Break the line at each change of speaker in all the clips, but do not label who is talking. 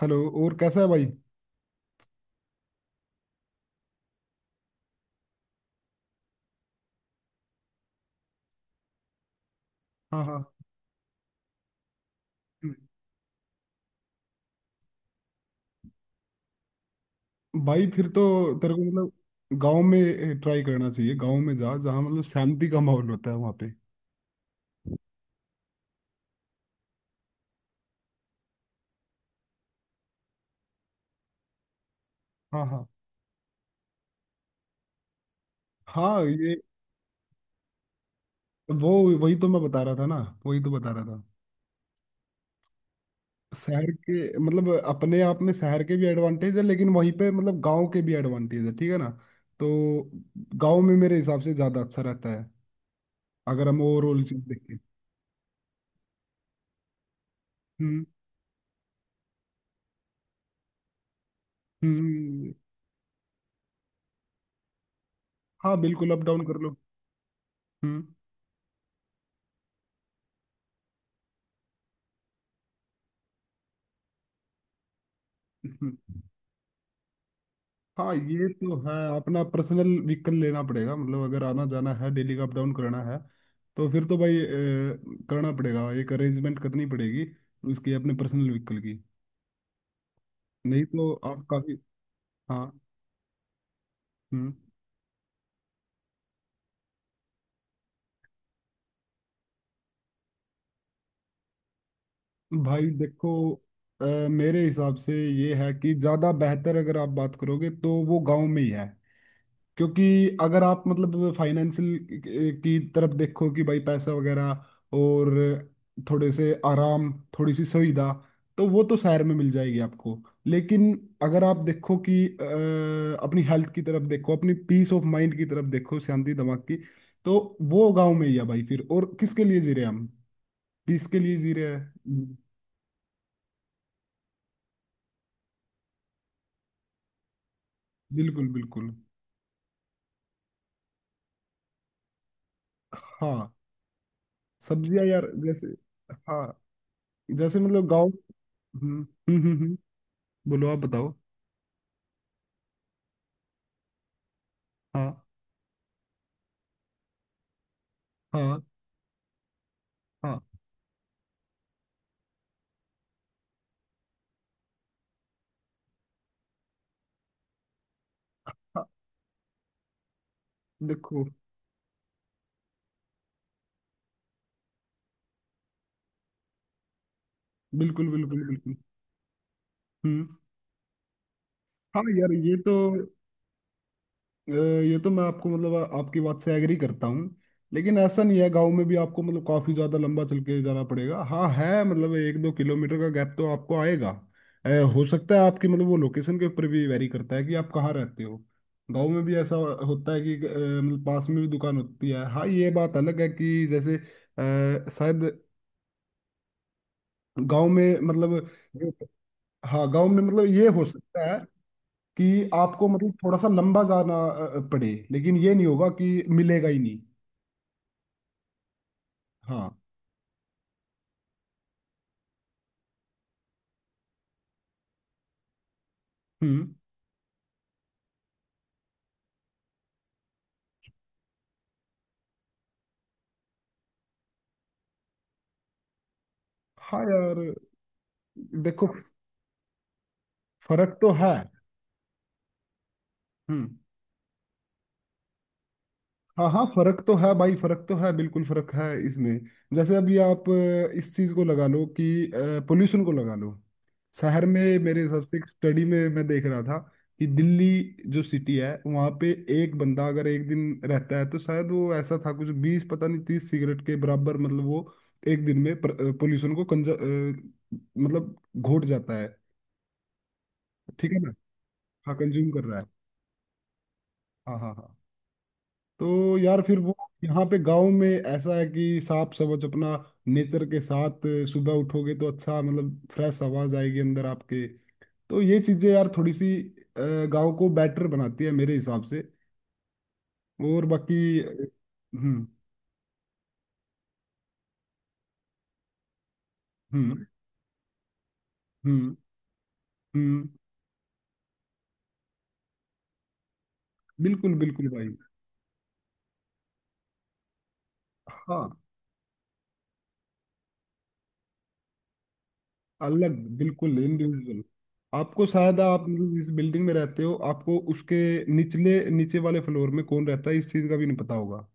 Hello. और कैसा है भाई। हाँ, हाँ। हम्म। भाई फिर तो तेरे को मतलब गांव में ट्राई करना चाहिए। गांव में जा, जहाँ मतलब शांति का माहौल होता है वहाँ पे। हाँ, हाँ, हाँ। ये वो वही तो मैं बता रहा था ना। वही तो बता रहा था। शहर के मतलब अपने आप में शहर के भी एडवांटेज है, लेकिन वहीं पे मतलब गांव के भी एडवांटेज है, ठीक है ना। तो गांव में मेरे हिसाब से ज्यादा अच्छा रहता है, अगर हम ओवरऑल चीज देखें। हम्म हम्म हाँ, बिल्कुल, अप डाउन कर लो। हम्म हम्म। हाँ, ये तो है। अपना पर्सनल व्हीकल लेना पड़ेगा मतलब, अगर आना जाना है, डेली का अप डाउन करना है। तो फिर तो भाई करना पड़ेगा, एक अरेंजमेंट करनी पड़ेगी उसकी, अपने पर्सनल व्हीकल की। नहीं तो आप काफी। हाँ हम्म भाई देखो, अ, मेरे हिसाब से ये है कि ज़्यादा बेहतर अगर आप बात करोगे तो वो गांव में ही है। क्योंकि अगर आप मतलब फाइनेंशियल की तरफ देखो कि भाई पैसा वगैरह, और थोड़े से आराम, थोड़ी सी सुविधा, तो वो तो शहर में मिल जाएगी आपको। लेकिन अगर आप देखो कि अपनी हेल्थ की तरफ देखो, अपनी पीस ऑफ माइंड की तरफ देखो, शांति दिमाग की, तो वो गांव में ही है भाई। फिर और किसके लिए जी रहे हैं हम? पीस के लिए जी रहे हैं। बिल्कुल, बिल्कुल। हाँ, सब्जियां यार, जैसे। हाँ, जैसे मतलब गाँव। हम्म हम्म हम्म हम्म, बोलो, आप बताओ। हाँ, हाँ, हाँ, हाँ, देखो। बिल्कुल, बिल्कुल, बिल्कुल। हम्म हाँ यार, ये तो। ये तो मैं आपको मतलब आपकी बात से एग्री करता हूँ, लेकिन ऐसा नहीं है। गांव में भी आपको मतलब काफी ज्यादा लंबा चल के जाना पड़ेगा। हाँ है, मतलब एक दो किलोमीटर का गैप तो आपको आएगा। अ, हो सकता है आपकी मतलब वो लोकेशन के ऊपर भी वेरी करता है कि आप कहाँ रहते हो। गांव में भी ऐसा होता है कि मतलब पास में भी दुकान होती है। हाँ, ये बात अलग है कि जैसे शायद गांव में मतलब। हाँ, गाँव में मतलब ये हो सकता है कि आपको मतलब थोड़ा सा लंबा जाना पड़े, लेकिन ये नहीं होगा कि मिलेगा ही नहीं। हाँ हम्म हाँ यार देखो, फर्क तो है। हम्म हाँ, हाँ, फर्क तो है भाई, फर्क तो है, बिल्कुल फर्क है इसमें। जैसे अभी आप इस चीज को लगा लो कि पोल्यूशन को लगा लो। शहर में मेरे हिसाब से, एक स्टडी में मैं देख रहा था कि दिल्ली जो सिटी है वहाँ पे एक बंदा अगर एक दिन रहता है, तो शायद वो ऐसा था कुछ 20, पता नहीं, 30 सिगरेट के बराबर मतलब वो एक दिन में पोल्यूशन को मतलब घोट जाता है। ठीक है ना। हाँ, कंज्यूम कर रहा है। हाँ, हाँ, हाँ। तो यार फिर वो, यहाँ पे गांव में ऐसा है कि साफ सवच अपना, नेचर के साथ, सुबह उठोगे तो अच्छा मतलब फ्रेश आवाज आएगी अंदर आपके। तो ये चीजें यार, थोड़ी सी गांव को बेटर बनाती है मेरे हिसाब से। और बाकी। हम्म, हम्म, हम्म, हम्म। बिल्कुल, बिल्कुल भाई। हाँ, अलग, बिल्कुल इंडिविजुअल। आपको शायद, आप मतलब जिस बिल्डिंग में रहते हो, आपको उसके निचले नीचे वाले फ्लोर में कौन रहता है इस चीज का भी नहीं पता होगा।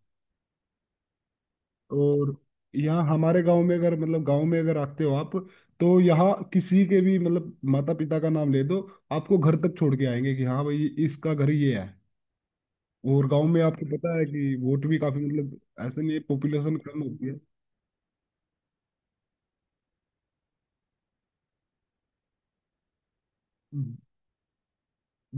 और यहाँ हमारे गांव में अगर मतलब गांव में अगर आते हो आप, तो यहाँ किसी के भी मतलब माता पिता का नाम ले दो, आपको घर तक छोड़ के आएंगे कि हाँ भाई, इसका घर ये है। और गांव में आपको पता है कि वोट भी काफी मतलब ऐसे नहीं है, पॉपुलेशन कम होती है।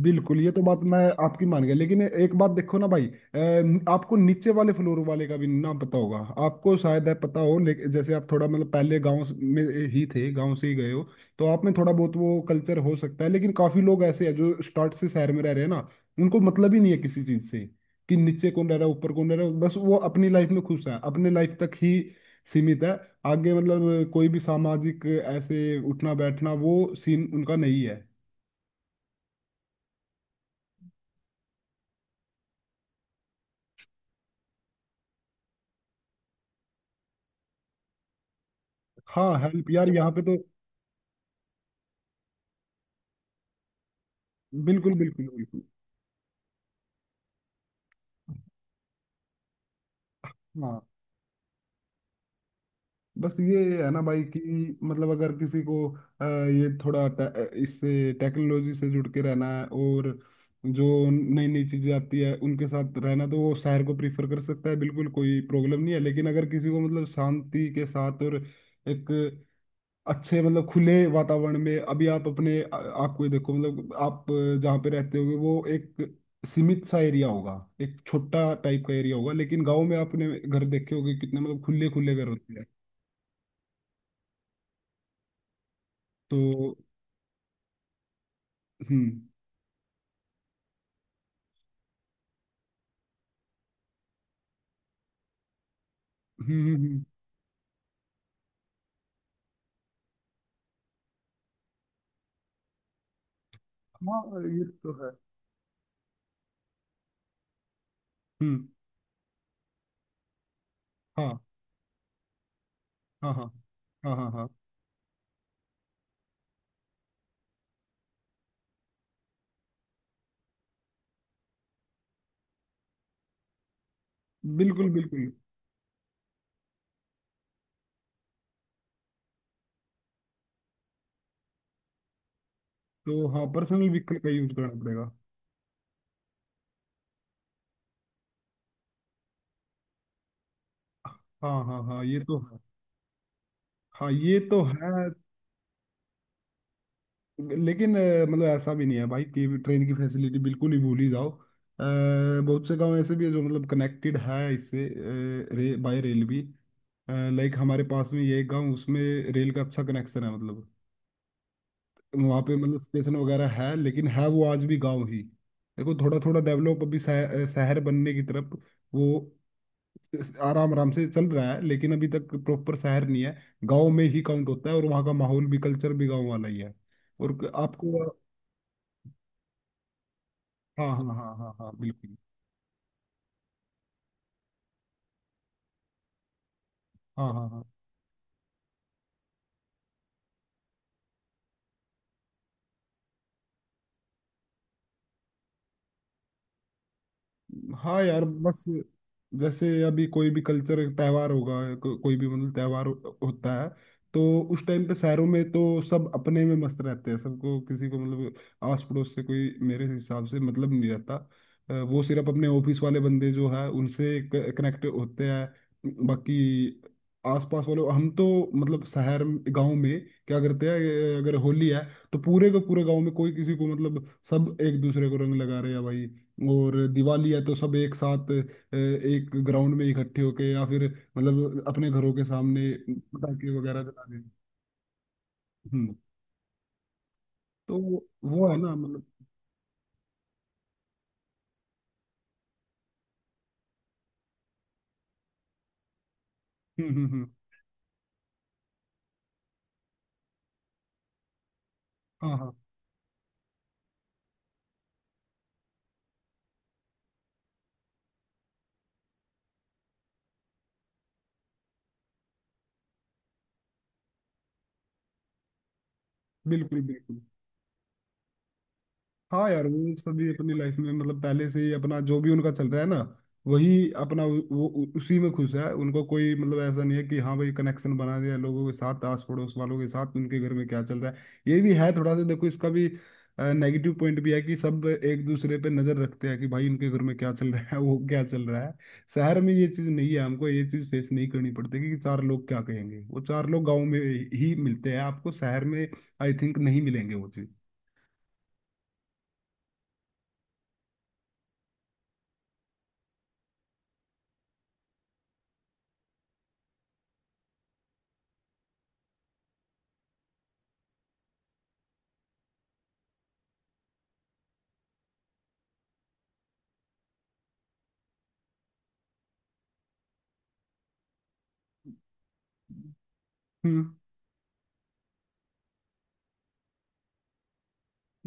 बिल्कुल, ये तो बात मैं आपकी मान गया, लेकिन एक बात देखो ना भाई, आपको नीचे वाले फ्लोर वाले का भी ना पता होगा। आपको शायद है पता हो, लेकिन जैसे आप थोड़ा मतलब पहले में ही थे, गांव से ही गए हो, तो आप में थोड़ा बहुत वो कल्चर हो सकता है। लेकिन काफी लोग ऐसे हैं जो स्टार्ट से शहर में रह रहे हैं ना, उनको मतलब ही नहीं है किसी चीज से कि नीचे कौन रह रहा है, ऊपर कौन रह रहा है, बस वो अपनी लाइफ में खुश है, अपने लाइफ तक ही सीमित है। आगे मतलब कोई भी सामाजिक ऐसे उठना बैठना वो सीन उनका नहीं है। हाँ, हेल्प यार, यहाँ पे तो बिल्कुल, बिल्कुल, बिल्कुल। हाँ, बस ये है ना भाई कि मतलब, अगर किसी को ये थोड़ा इससे टेक्नोलॉजी से जुड़ के रहना है, और जो नई नई चीजें आती है उनके साथ रहना, तो वो शहर को प्रीफर कर सकता है, बिल्कुल कोई प्रॉब्लम नहीं है। लेकिन अगर किसी को मतलब शांति के साथ और एक अच्छे मतलब खुले वातावरण में, अभी आप आपको ही देखो, मतलब आप जहाँ पे रहते होगे वो एक सीमित सा एरिया होगा, एक छोटा टाइप का एरिया होगा। लेकिन गांव में आपने घर देखे होंगे कितने मतलब खुले खुले घर होते हैं। तो। हम्म, हम्म, हम्म। हम्म। हाँ, ये तो है। हम्म, हाँ, हाँ, हाँ, हाँ, हाँ, हाँ, बिल्कुल, बिल्कुल। तो हाँ, पर्सनल व्हीकल का यूज करना पड़ेगा। हाँ, हाँ, हाँ, ये तो है। हाँ, ये तो है। लेकिन मतलब ऐसा भी नहीं है भाई कि ट्रेन की फैसिलिटी बिल्कुल ही भूल ही जाओ। बहुत से गांव ऐसे भी है जो मतलब कनेक्टेड है इससे, बाय रेल भी। लाइक हमारे पास में ये एक गांव, उसमें रेल का अच्छा कनेक्शन है, मतलब वहाँ पे मतलब स्टेशन वगैरह है, लेकिन है वो आज भी गांव ही। देखो थोड़ा थोड़ा डेवलप, अभी शहर बनने की तरफ वो आराम आराम से चल रहा है, लेकिन अभी तक प्रॉपर शहर नहीं है। गांव में ही काउंट होता है, और वहाँ का माहौल भी, कल्चर भी गांव वाला ही है। और आपको। हाँ, हाँ, हाँ, हाँ, हाँ, बिल्कुल। हाँ, हाँ, हाँ। हाँ यार, बस जैसे अभी कोई भी कल्चर त्यौहार होगा, कोई भी मतलब होता है, तो उस टाइम पे शहरों में तो सब अपने में मस्त रहते हैं, सबको किसी को मतलब आस पड़ोस से कोई मेरे हिसाब से मतलब नहीं रहता। वो सिर्फ अपने ऑफिस वाले बंदे जो है उनसे कनेक्ट होते हैं, बाकी आसपास वाले हम तो मतलब शहर। गांव में क्या करते हैं, अगर होली है तो पूरे के पूरे गांव में कोई किसी को मतलब सब एक दूसरे को रंग लगा रहे हैं भाई। और दिवाली है तो सब एक साथ एक ग्राउंड में इकट्ठे होके, या फिर मतलब अपने घरों के सामने पटाखे वगैरह जला दें। हम्म। तो वो है ना मतलब। हम्म, हम्म, हम्म। हाँ, हाँ, बिल्कुल, बिल्कुल। हाँ यार, वो सभी अपनी लाइफ में मतलब पहले से ही अपना जो भी उनका चल रहा है ना, वही अपना उसी में खुश है। उनको कोई मतलब ऐसा नहीं है कि हाँ भाई, कनेक्शन बना दिया लोगों के साथ, आस पड़ोस वालों के साथ, उनके घर में क्या चल रहा है। ये भी है थोड़ा सा, देखो, इसका भी नेगेटिव पॉइंट भी है कि सब एक दूसरे पे नजर रखते हैं कि भाई उनके घर में क्या चल रहा है वो क्या चल रहा है। शहर में ये चीज नहीं है, हमको ये चीज फेस नहीं करनी पड़ती कि चार लोग क्या कहेंगे। वो चार लोग गाँव में ही मिलते हैं आपको, शहर में आई थिंक नहीं मिलेंगे वो चीज।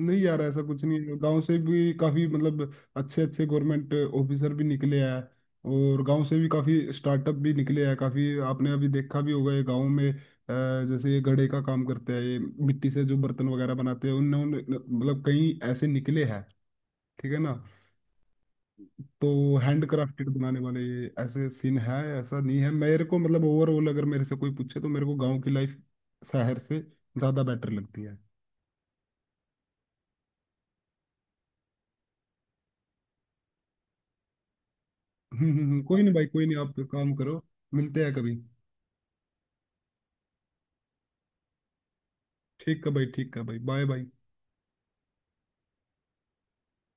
नहीं यार, ऐसा कुछ नहीं है, गांव से भी काफी मतलब अच्छे अच्छे गवर्नमेंट ऑफिसर भी निकले हैं, और गांव से भी काफी स्टार्टअप भी निकले हैं काफी। आपने अभी देखा भी होगा, ये गांव में जैसे ये घड़े का काम करते हैं, ये मिट्टी से जो बर्तन वगैरह बनाते हैं, उन्होंने मतलब कई ऐसे निकले हैं, ठीक है ना। तो हैंड क्राफ्टेड बनाने वाले, ये ऐसे सीन है। ऐसा नहीं है, मेरे को मतलब ओवरऑल अगर मेरे से कोई पूछे, तो मेरे को गांव की लाइफ शहर से ज्यादा बेटर लगती है हम्म, कोई नहीं भाई, कोई नहीं, आप काम करो। मिलते हैं कभी। ठीक है भाई, ठीक है भाई, बाय बाय।